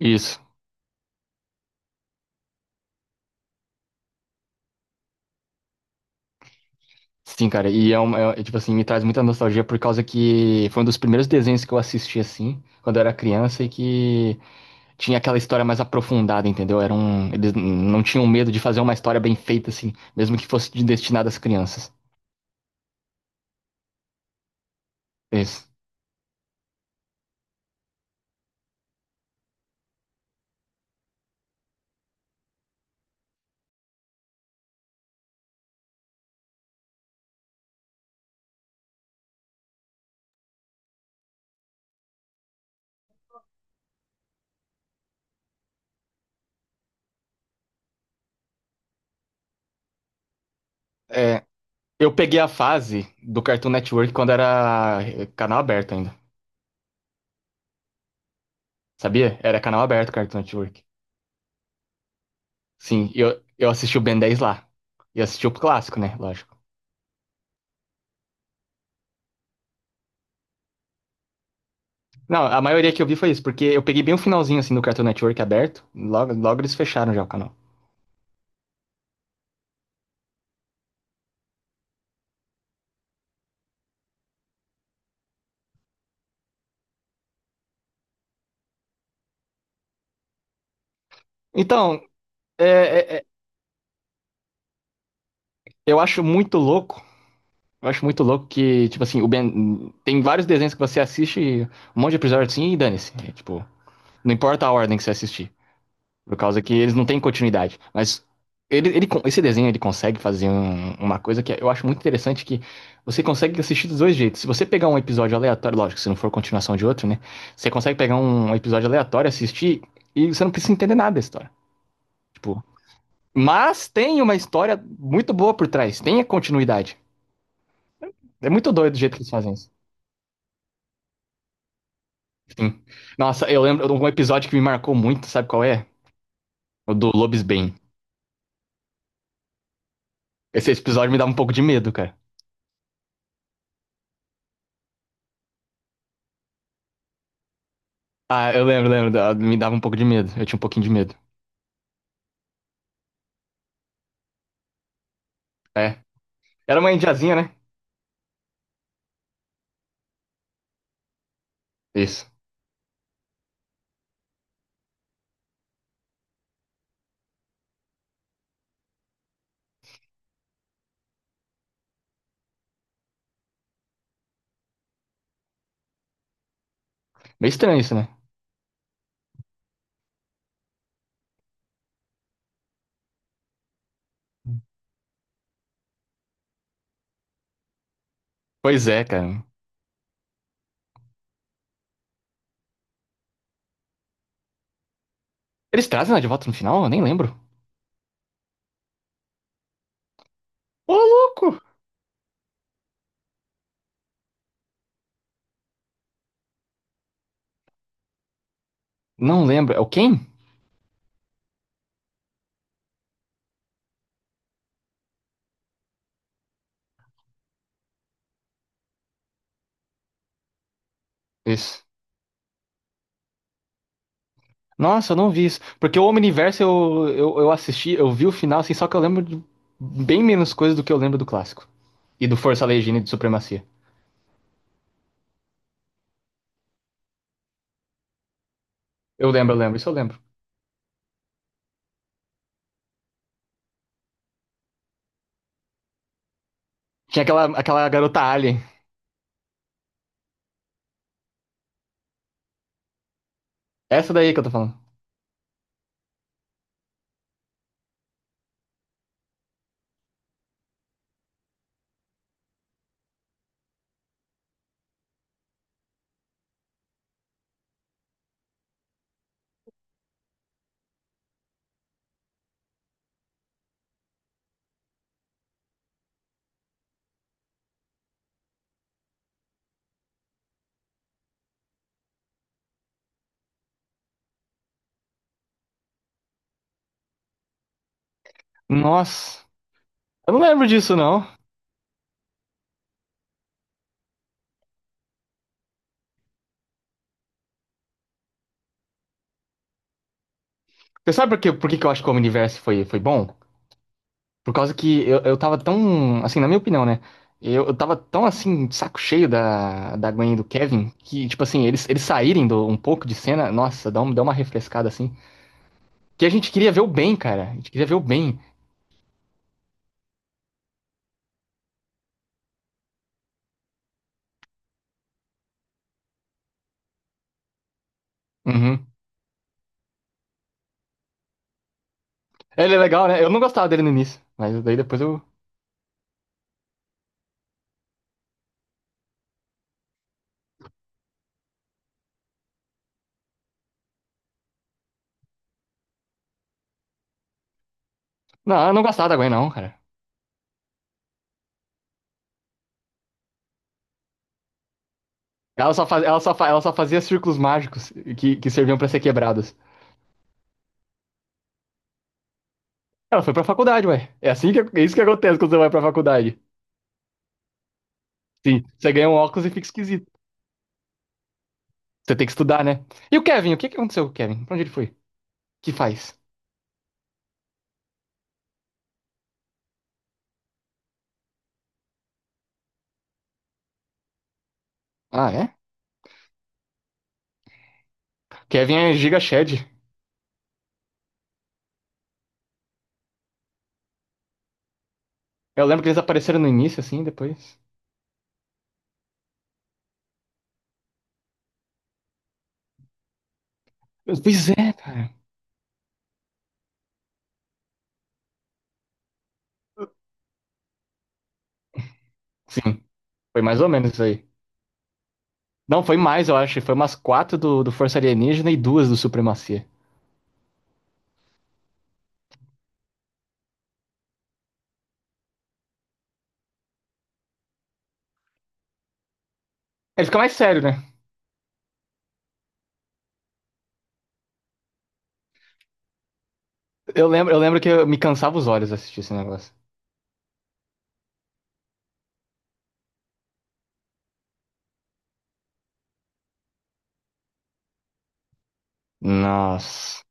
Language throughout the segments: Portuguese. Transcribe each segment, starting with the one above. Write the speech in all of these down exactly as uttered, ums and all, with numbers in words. Isso. Sim, cara. E é, uma, é- é, tipo assim, Me traz muita nostalgia por causa que foi um dos primeiros desenhos que eu assisti assim, quando eu era criança e que tinha aquela história mais aprofundada, entendeu? Era um, eles n- Não tinham medo de fazer uma história bem feita assim, mesmo que fosse de- destinada às crianças. Isso. É, eu peguei a fase do Cartoon Network quando era eh, canal aberto ainda. Sabia? Era canal aberto Cartoon Network. Sim, eu, eu assisti o Ben dez lá. E assisti o clássico, né? Lógico. Não, a maioria que eu vi foi isso, porque eu peguei bem o finalzinho assim do Cartoon Network aberto, logo, logo eles fecharam já o canal. Então, é, é, é, eu acho muito louco, eu acho muito louco que, tipo assim, o Ben- tem vários desenhos que você assiste, um monte de episódio assim, e dane-se. É, tipo, não importa a ordem que você assistir. Por causa que eles não têm continuidade. Mas ele, ele, con- esse desenho ele consegue fazer um- uma coisa que eu acho muito interessante, que você consegue assistir dos dois jeitos. Se você pegar um episódio aleatório, lógico, se não for continuação de outro, né? Você consegue pegar um um episódio aleatório, assistir, e você não precisa entender nada da história. Tipo, mas tem uma história muito boa por trás, tem a continuidade. É muito doido o jeito que eles fazem isso. Sim. Nossa, eu lembro de um episódio que me marcou muito, sabe qual é? O do Lobisbane. Esse episódio me dava um pouco de medo, cara. Ah, eu lembro, lembro. da- Me dava um pouco de medo. Eu tinha um pouquinho de medo. É. Era uma indiazinha, né? Isso. Meio estranho isso, né? Pois é, cara. Eles trazem ela de volta no final? Eu nem lembro. Ô, louco! Não lembro. É o Ken? Isso. Nossa, eu não vi isso. Porque o Omniverse eu, eu, eu assisti, eu vi o final, assim, só que eu lembro de bem menos coisas do que eu lembro do clássico. E do Força Legina e do Supremacia. Eu lembro, eu lembro, isso eu lembro. Tinha aquela, aquela garota alien. Essa daí que eu tô falando. Nossa. Eu não lembro disso, não. Você sabe por que, por que que eu acho que o Omniverse foi, foi bom? Por causa que eu, eu tava tão, assim, na minha opinião, né? Eu, eu tava tão, assim, de saco cheio da, da Gwen e do Kevin, que, tipo assim, eles, eles saírem do, um pouco de cena, nossa, dá, um, dá uma refrescada, assim. Que a gente queria ver o Ben, cara. A gente queria ver o Ben. Uhum. Ele é legal, né? Eu não gostava dele no início, mas daí depois eu... Não, eu não gostava da Gwen, não, cara. Ela só, faz, ela só, fa- ela só fazia círculos mágicos que, que serviam pra ser quebrados. Ela foi pra faculdade, ué. É assim que, é isso que acontece quando você vai pra faculdade. Sim, você ganha um óculos e fica esquisito. Você tem que estudar, né? E o Kevin? O que que aconteceu com o Kevin? Pra onde ele foi? O que faz? Ah, é? Kevin é Giga Shed. Eu lembro que eles apareceram no início, assim, depois. Pois é, cara. Sim, foi mais ou menos isso aí. Não, foi mais, eu acho. Foi umas quatro do, do Força Alienígena e duas do Supremacia. Ele fica mais sério, né? Eu lembro, eu lembro que eu me cansava os olhos assistir esse negócio. Nossa.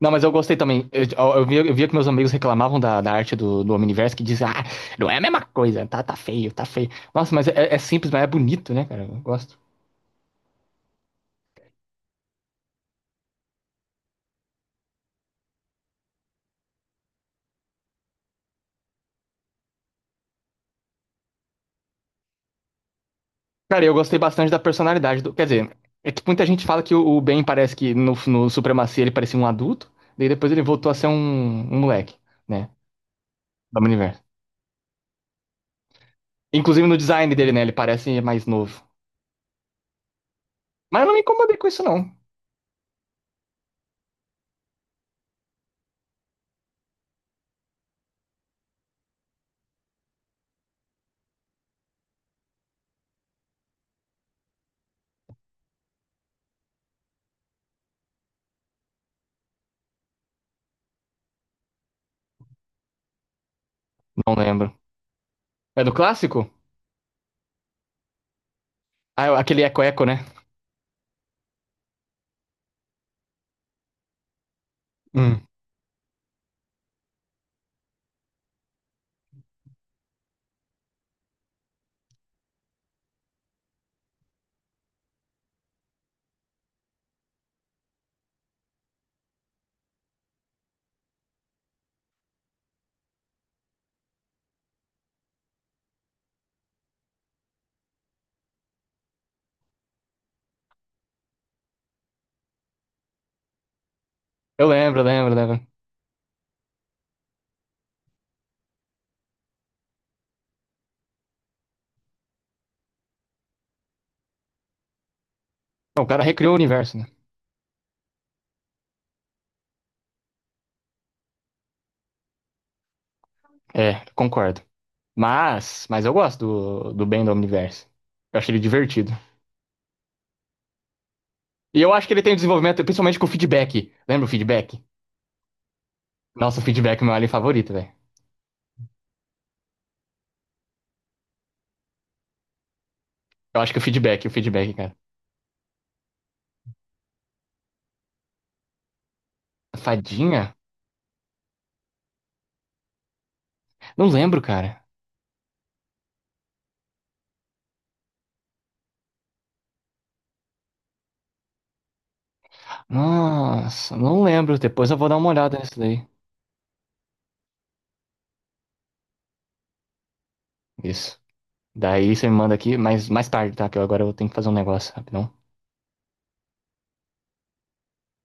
Não, mas eu gostei também. Eu, eu eu via, eu via que meus amigos reclamavam da, da arte do, do Omniverse, que dizem, ah, não é a mesma coisa, tá, tá feio, tá feio. Nossa, mas é, é simples, mas é bonito, né, cara? Eu gosto. Cara, eu gostei bastante da personalidade do. Quer dizer, é que muita gente fala que o, o Ben parece que no, no Supremacia ele parecia um adulto, daí depois ele voltou a ser um, um moleque, né? Do Omniverse. Inclusive no design dele, né? Ele parece mais novo. Mas eu não me incomodei com isso, não. Não lembro. É do clássico? Ah, aquele Eco Eco, né? Hum. Eu lembro, lembro, lembro. Não, o cara recriou o universo, né? É, concordo. Mas, mas eu gosto do, do Ben do Omniverse. Eu acho ele divertido. E eu acho que ele tem um desenvolvimento, principalmente com o feedback. Lembra o feedback? Nossa, o feedback é meu alien favorito, velho. Eu acho que o feedback, o feedback, cara. A fadinha? Não lembro, cara. Nossa, não lembro. Depois eu vou dar uma olhada nisso daí. Isso. Daí você me manda aqui, mas mais tarde, tá? Que eu agora eu tenho que fazer um negócio, rapidão.